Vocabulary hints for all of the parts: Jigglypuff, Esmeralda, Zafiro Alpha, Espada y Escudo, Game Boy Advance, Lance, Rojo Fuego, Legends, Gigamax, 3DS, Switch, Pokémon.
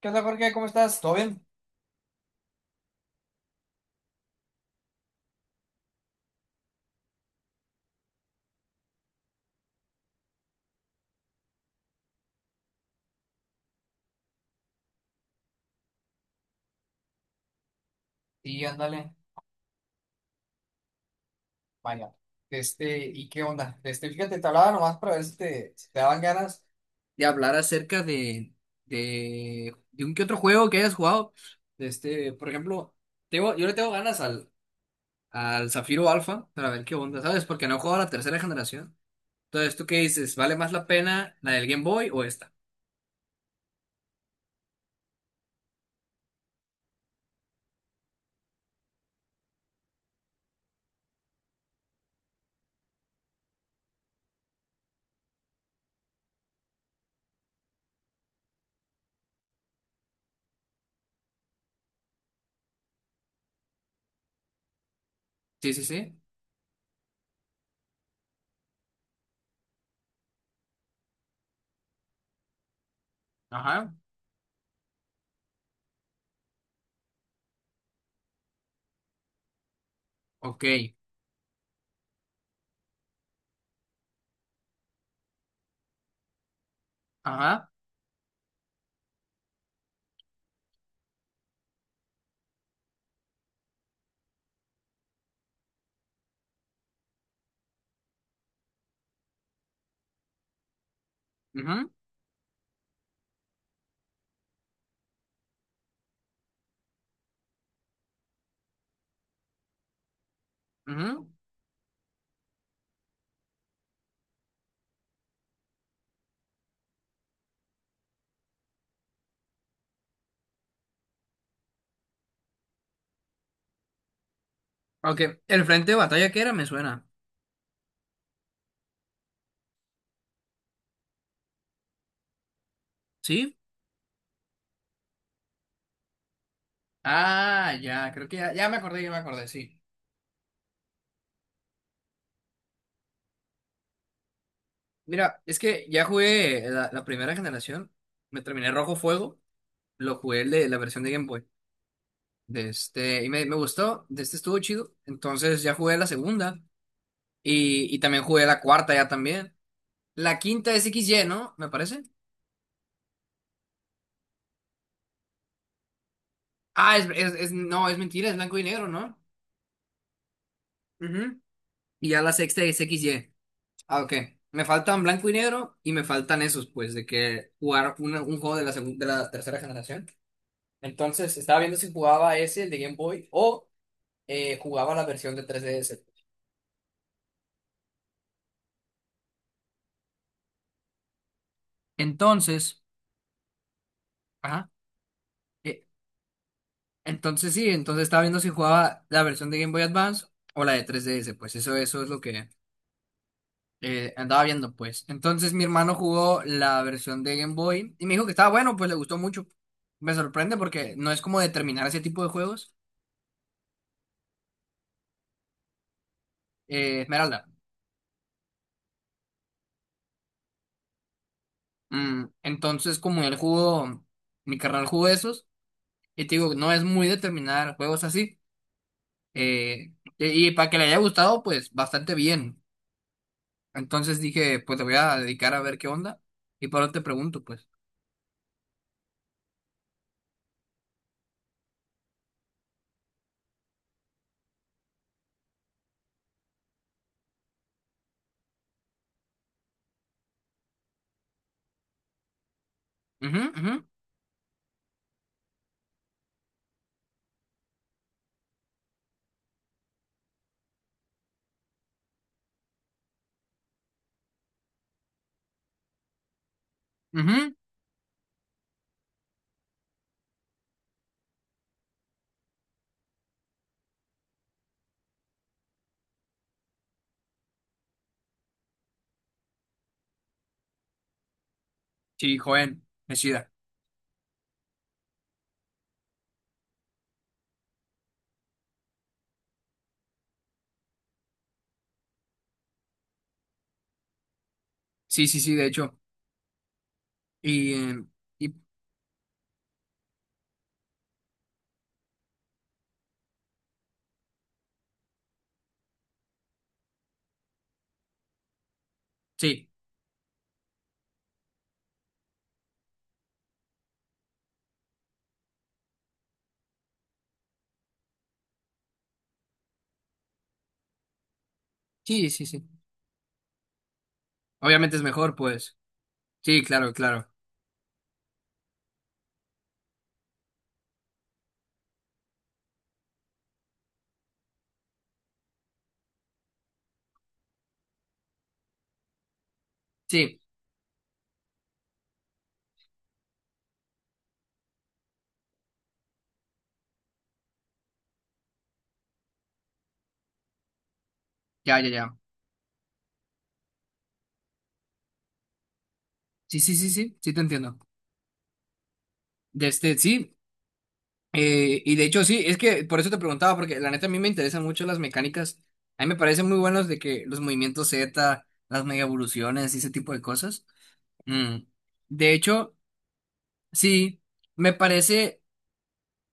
¿Qué onda, Jorge? ¿Cómo estás? ¿Todo bien? Sí, ándale. Vaya. ¿Y qué onda? Fíjate, te hablaba nomás para ver si te daban ganas de hablar acerca de un que otro juego que hayas jugado. Por ejemplo, yo le tengo ganas al Zafiro Alpha para ver qué onda, ¿sabes? Porque no he jugado a la tercera generación. Entonces, ¿tú qué dices? ¿Vale más la pena la del Game Boy o esta? Sí, sí, sí. Ajá. Ok. Ajá. Ujú, ujú. Ok. El frente de batalla que era me suena. ¿Sí? Ah, ya, creo que ya, ya me acordé, sí. Mira, es que ya jugué la primera generación, me terminé Rojo Fuego, lo jugué el de la versión de Game Boy, y me gustó, de este estuvo chido, entonces ya jugué la segunda, y también jugué la cuarta ya también. La quinta es X Y, ¿no? Me parece. No, es mentira, es blanco y negro, ¿no? Ujú. Y ya la sexta es X Y. Ah, ok. Me faltan blanco y negro y me faltan esos, pues, de que jugar un juego de de la tercera generación. Entonces, estaba viendo si jugaba ese, el de Game Boy, o jugaba la versión de 3DS. Entonces, ajá, eh, entonces sí, entonces estaba viendo si jugaba la versión de Game Boy Advance o la de 3DS, pues eso es lo que andaba viendo, pues. Entonces mi hermano jugó la versión de Game Boy y me dijo que estaba bueno, pues le gustó mucho. Me sorprende porque no es como determinar ese tipo de juegos, Esmeralda. Entonces, como él jugó, mi carnal jugó esos, y te digo, no es muy determinar juegos así. Y para que le haya gustado, pues bastante bien. Entonces dije, pues te voy a dedicar a ver qué onda. Y por eso te pregunto, pues. Ujú, ujú, ujú. Sí, joven, me chida. Sí, sí, sí, de hecho. Y, eh, y sí, sí, sí, sí. Obviamente es mejor, pues. Sí, claro, claro. Sí, ya, ya, ya. Sí, sí, sí, sí, sí, te entiendo. De este, sí. Y de hecho, sí, es que por eso te preguntaba, porque la neta a mí me interesan mucho las mecánicas. A mí me parecen muy buenos de que los movimientos Z, las mega evoluciones y ese tipo de cosas. Mm. De hecho, sí, me parece,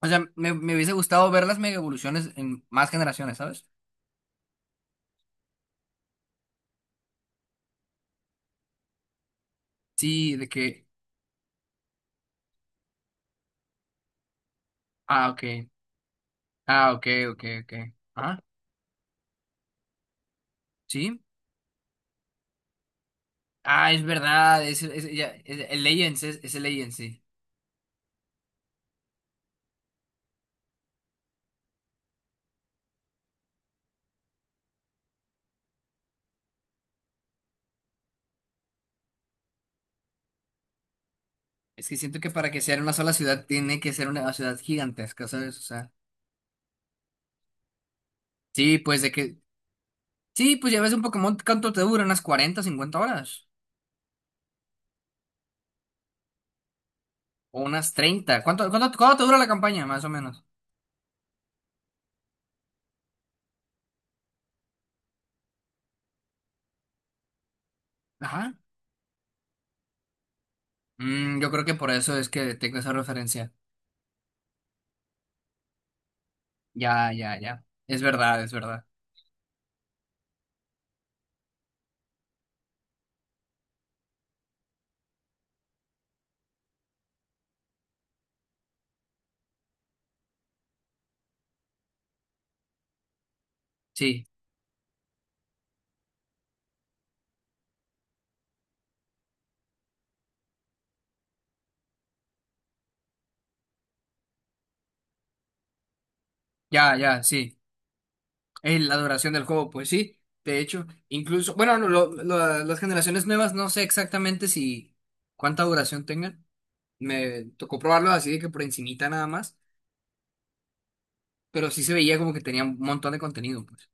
o sea, me hubiese gustado ver las mega evoluciones en más generaciones, ¿sabes? Sí, de que, ah, ok, ah, ok, ok, ok. Ah, sí. Ah, es verdad, ya, el Legends, es el Legends, sí. Es que siento que para que sea una sola ciudad tiene que ser una ciudad gigantesca, ¿sabes? O sea. Sí, pues de que. Sí, pues ya ves un Pokémon, ¿cuánto te dura? ¿Unas 40 50 horas? ¿O unas treinta? Cuánto te dura la campaña, más o menos? Ajá. Yo creo que por eso es que tengo esa referencia. Ya, ya, ya. Es verdad, es verdad. Sí, ya, ya, sí. Es la duración del juego, pues sí. De hecho, incluso, bueno, no, las generaciones nuevas no sé exactamente si cuánta duración tengan. Me tocó probarlo así de que por encimita nada más, pero sí se veía como que tenía un montón de contenido, pues.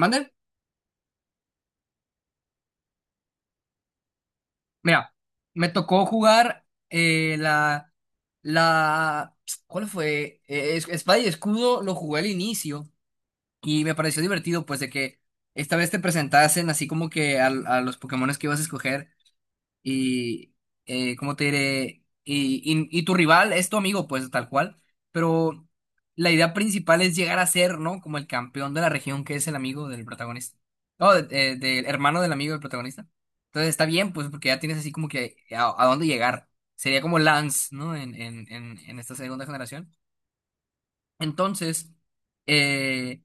¿Mande? Mira, me tocó jugar la, ¿cuál fue? Espada y Escudo lo jugué al inicio y me pareció divertido, pues de que esta vez te presentasen así como que a los Pokémones que ibas a escoger y ¿cómo te diré? Y tu rival es tu amigo, pues tal cual, pero la idea principal es llegar a ser, ¿no? Como el campeón de la región que es el amigo del protagonista. No, del hermano del amigo del protagonista. Entonces está bien, pues porque ya tienes así como que a dónde llegar. Sería como Lance, ¿no? En esta segunda generación. Entonces, eh,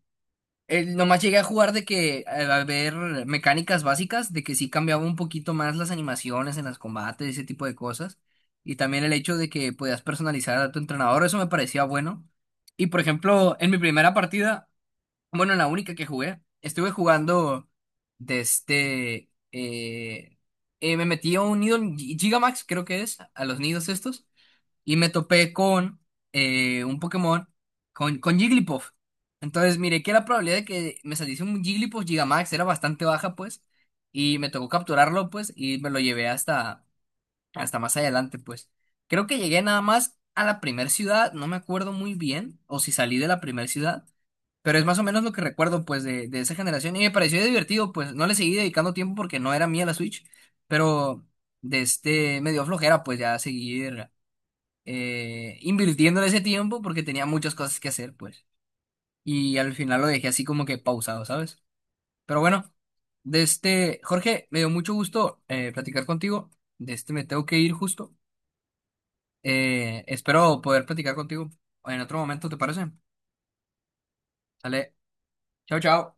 nomás llegué a jugar de que a ver mecánicas básicas, de que sí cambiaba un poquito más las animaciones en los combates, ese tipo de cosas. Y también el hecho de que podías personalizar a tu entrenador, eso me parecía bueno. Y por ejemplo, en mi primera partida, bueno, en la única que jugué, estuve jugando desde... me metí a un nido en Gigamax, creo que es, a los nidos estos y me topé con un Pokémon, con Jigglypuff. Entonces miré que la probabilidad de que me saliese un Jigglypuff Gigamax era bastante baja, pues, y me tocó capturarlo, pues, y me lo llevé hasta, hasta más adelante, pues. Creo que llegué nada más a la primer ciudad, no me acuerdo muy bien, o si salí de la primer ciudad, pero es más o menos lo que recuerdo, pues, de esa generación, y me pareció divertido, pues, no le seguí dedicando tiempo porque no era mía la Switch, pero de este, me dio flojera, pues, ya seguir invirtiendo en ese tiempo porque tenía muchas cosas que hacer, pues. Y al final lo dejé así como que pausado, ¿sabes? Pero bueno, de este, Jorge, me dio mucho gusto platicar contigo. De este me tengo que ir justo. Espero poder platicar contigo en otro momento, ¿te parece? Sale, chao, chao.